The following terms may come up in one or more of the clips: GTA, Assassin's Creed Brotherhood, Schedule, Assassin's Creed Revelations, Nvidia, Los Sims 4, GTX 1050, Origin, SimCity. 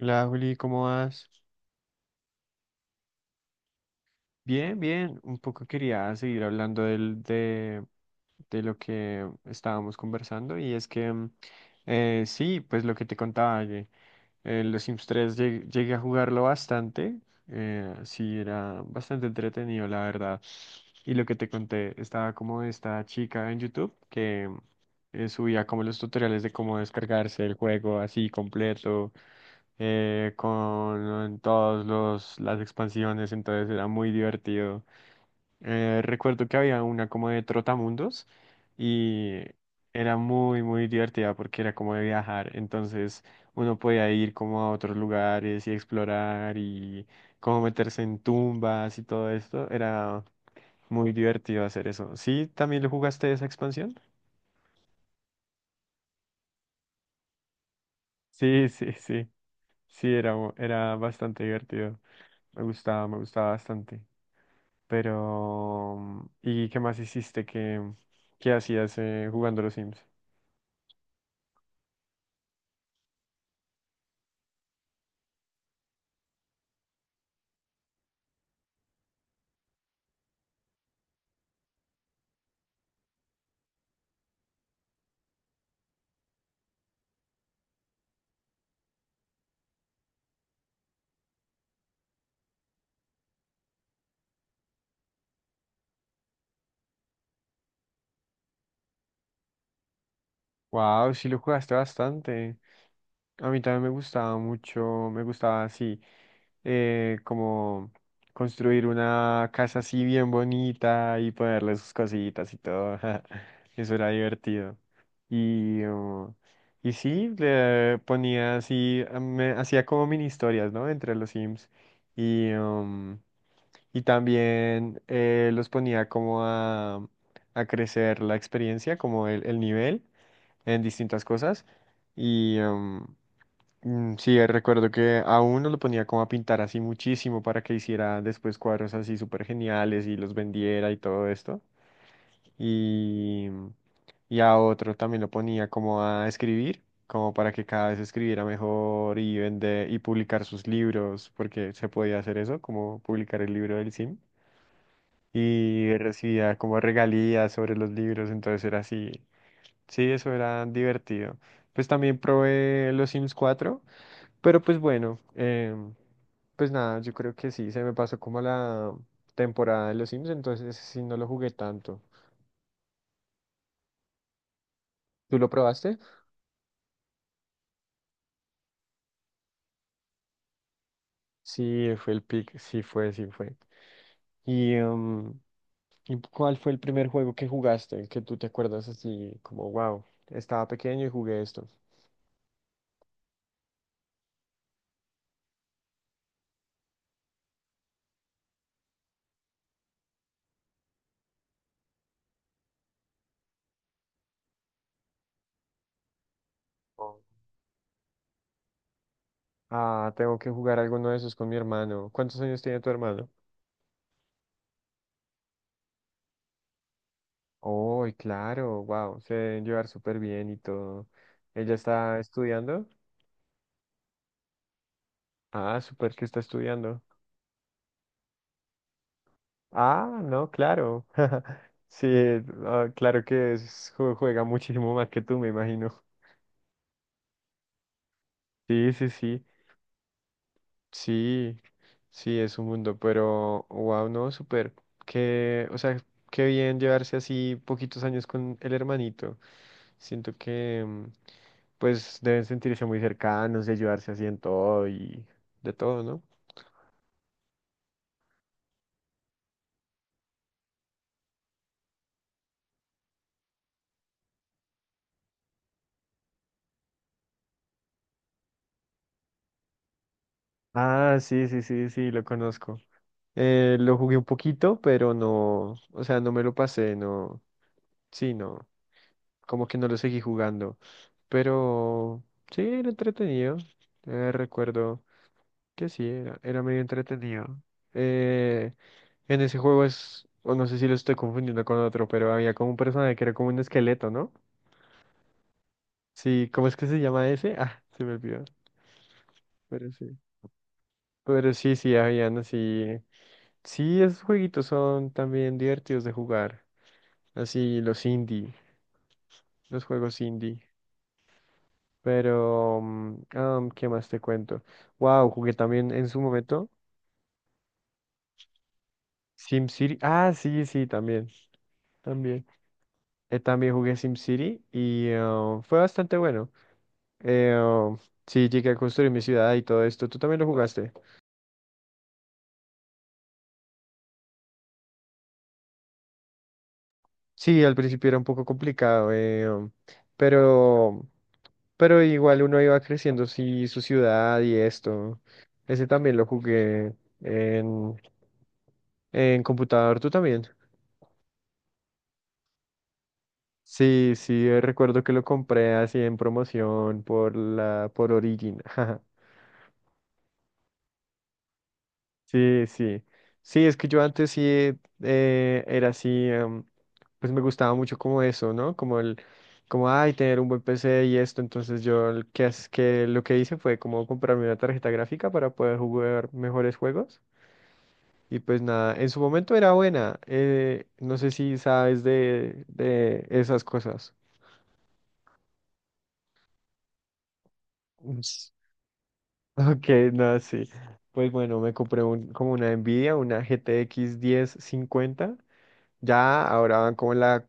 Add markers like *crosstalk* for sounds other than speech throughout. Hola Juli, ¿cómo vas? Bien, bien. Un poco quería seguir hablando de lo que estábamos conversando y es que sí, pues lo que te contaba, que los Sims 3 llegué a jugarlo bastante. Sí, era bastante entretenido, la verdad. Y lo que te conté, estaba como esta chica en YouTube que subía como los tutoriales de cómo descargarse el juego así completo, con todos las expansiones, entonces era muy divertido. Recuerdo que había una como de Trotamundos y era muy, muy divertida porque era como de viajar, entonces uno podía ir como a otros lugares y explorar y como meterse en tumbas y todo esto, era muy divertido hacer eso. ¿Sí? ¿También lo jugaste esa expansión? Sí, sí, sí, sí, era, era bastante divertido, me gustaba bastante. Pero, ¿y qué más hiciste? ¿Qué hacías, jugando los Sims? Wow, sí lo jugaste bastante. A mí también me gustaba mucho, me gustaba así. Como construir una casa así bien bonita y ponerle sus cositas y todo. *laughs* Eso era divertido. Y, uh, y sí, le ponía así, ah, me hacía como mini historias, ¿no? Entre los Sims. Y, um, y también los ponía como a crecer la experiencia, como el nivel en distintas cosas. Y, um, Sí, recuerdo que a uno lo ponía como a pintar así muchísimo para que hiciera después cuadros así súper geniales y los vendiera y todo esto. Y, y a otro también lo ponía como a escribir, como para que cada vez escribiera mejor y vender y publicar sus libros, porque se podía hacer eso, como publicar el libro del Sim y recibía como regalías sobre los libros, entonces era así, sí, eso era divertido. Pues también probé los Sims cuatro, pero pues bueno, pues nada, yo creo que sí, se me pasó como la temporada de los Sims, entonces sí no lo jugué tanto. ¿Tú lo probaste? Sí, fue el pick, sí fue, sí fue. ¿Y, y cuál fue el primer juego que jugaste, que tú te acuerdas así como, wow, estaba pequeño y jugué esto? Ah, tengo que jugar alguno de esos con mi hermano. ¿Cuántos años tiene tu hermano? Oh, claro, wow, se deben llevar súper bien y todo. ¿Ella está estudiando? Ah, súper que está estudiando. Ah, no, claro. *laughs* Sí, ah, claro que juega muchísimo más que tú, me imagino. Sí, sí, sí. Sí, sí, es un mundo, pero wow, no, súper. Que, o sea, qué bien llevarse así poquitos años con el hermanito. Siento que, mm, pues, deben sentirse muy cercanos y ayudarse así en todo y de todo, ¿no? Ah, sí, sí, sí, sí, lo conozco. Lo jugué un poquito, pero no, o sea, no me lo pasé, no, sí, no, como que no lo seguí jugando, pero sí, era entretenido. Recuerdo. Que sí, era, era medio entretenido. Eh, en ese juego es, o no sé si lo estoy confundiendo con otro, pero había como un personaje que era como un esqueleto, ¿no? Sí, ¿cómo es que se llama ese? *laughs* Ah, se me olvidó. Pero sí. Pero sí, sí, habían así. Sí, esos jueguitos son también divertidos de jugar. Así, los indie, los juegos indie. Pero, ¿qué más te cuento? Wow, jugué también en su momento. SimCity. Ah, sí, sí, también. También. También jugué SimCity y, fue bastante bueno. Eh, um, sí, llegué a construir mi ciudad y todo esto. ¿Tú también lo jugaste? Sí, al principio era un poco complicado, pero, pero igual uno iba creciendo, sí, su ciudad y esto. Ese también lo jugué en, en computador, ¿tú también? Sí, sí, recuerdo que lo compré así en promoción por la, por Origin. *laughs* Sí, sí. Sí, es que yo antes sí, era así, pues me gustaba mucho como eso, ¿no? Como, ay, tener un buen PC y esto. Entonces yo el que, que lo que hice fue como comprarme una tarjeta gráfica para poder jugar mejores juegos. Y pues nada, en su momento era buena. No sé si sabes de esas cosas. Ups. *laughs* Ok, no, sí. Pues bueno, me compré un, como una Nvidia, una GTX 1050. Ya ahora van como en la,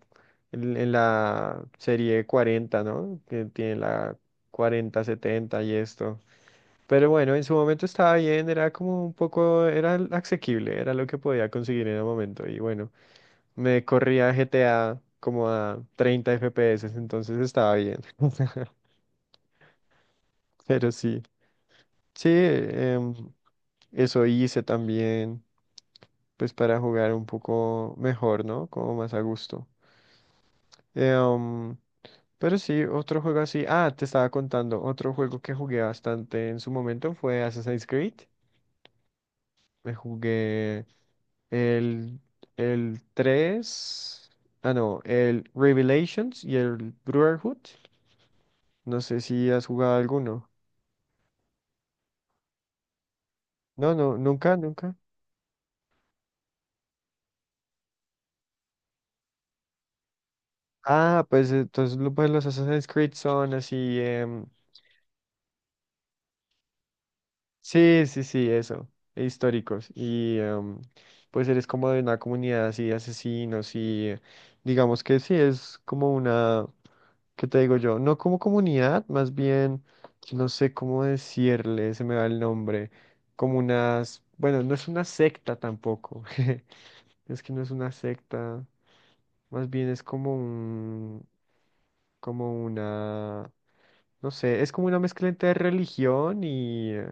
en la serie cuarenta, ¿no? Que tiene la 4070 y esto. Pero bueno, en su momento estaba bien, era como un poco, era asequible, era lo que podía conseguir en el momento. Y bueno, me corría GTA como a 30 FPS, entonces estaba bien. *laughs* Pero sí, sí, eso hice también, pues para jugar un poco mejor, ¿no? Como más a gusto. Em, Pero sí, otro juego así. Ah, te estaba contando. Otro juego que jugué bastante en su momento fue Assassin's Creed. Me jugué el, el 3. Ah, no, el Revelations y el Brotherhood. No sé si has jugado alguno. No, no, nunca, nunca. Ah, pues entonces pues, los Assassin's Creed son así. Sí, sí, sí, eso, e históricos. Y, pues eres como de una comunidad así de asesinos y, digamos que sí, es como una, ¿qué te digo yo? No como comunidad, más bien, no sé cómo decirle, se me va el nombre, como unas, bueno, no es una secta tampoco, *laughs* es que no es una secta, más bien es como un, como una, no sé, es como una mezcla entre religión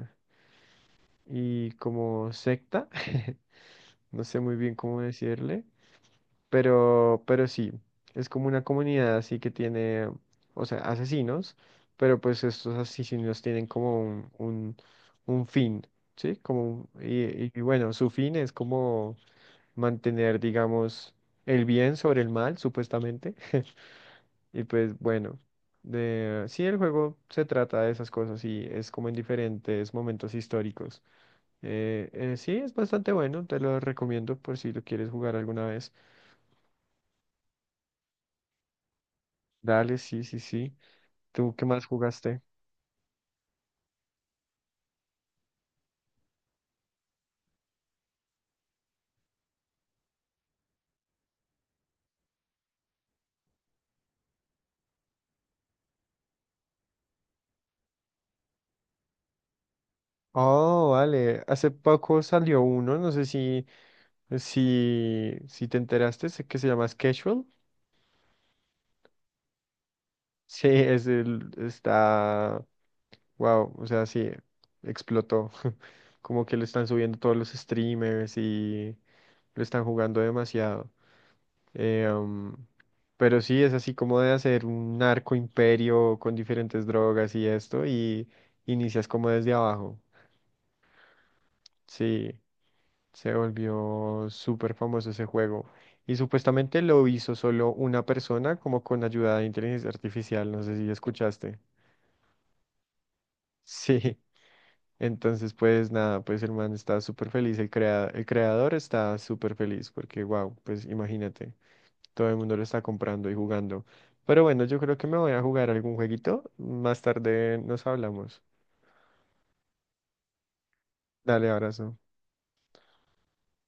y como secta. *laughs* No sé muy bien cómo decirle, pero sí, es como una comunidad así que tiene, o sea, asesinos, pero pues estos asesinos tienen como un fin, ¿sí? Como, y bueno, su fin es como mantener, digamos, el bien sobre el mal, supuestamente, *laughs* y pues bueno. De, sí, el juego se trata de esas cosas y es como en diferentes momentos históricos. Sí, es bastante bueno, te lo recomiendo por si lo quieres jugar alguna vez. Dale, sí, sí, sí. ¿Tú qué más jugaste? Oh, vale. Hace poco salió uno, no sé si te enteraste, sé que se llama Schedule. Sí, es el, está, wow, o sea, sí, explotó. Como que lo están subiendo todos los streamers y lo están jugando demasiado. Eh, am, pero sí, es así como de hacer un narco imperio con diferentes drogas y esto, y inicias como desde abajo. Sí, se volvió súper famoso ese juego. Y supuestamente lo hizo solo una persona, como con ayuda de inteligencia artificial, no sé si escuchaste. *laughs* Sí, entonces, pues nada, pues el man está súper feliz, el creador está súper feliz porque, wow, pues imagínate, todo el mundo lo está comprando y jugando. Pero bueno, yo creo que me voy a jugar algún jueguito. Más tarde nos hablamos. Dale, abrazo.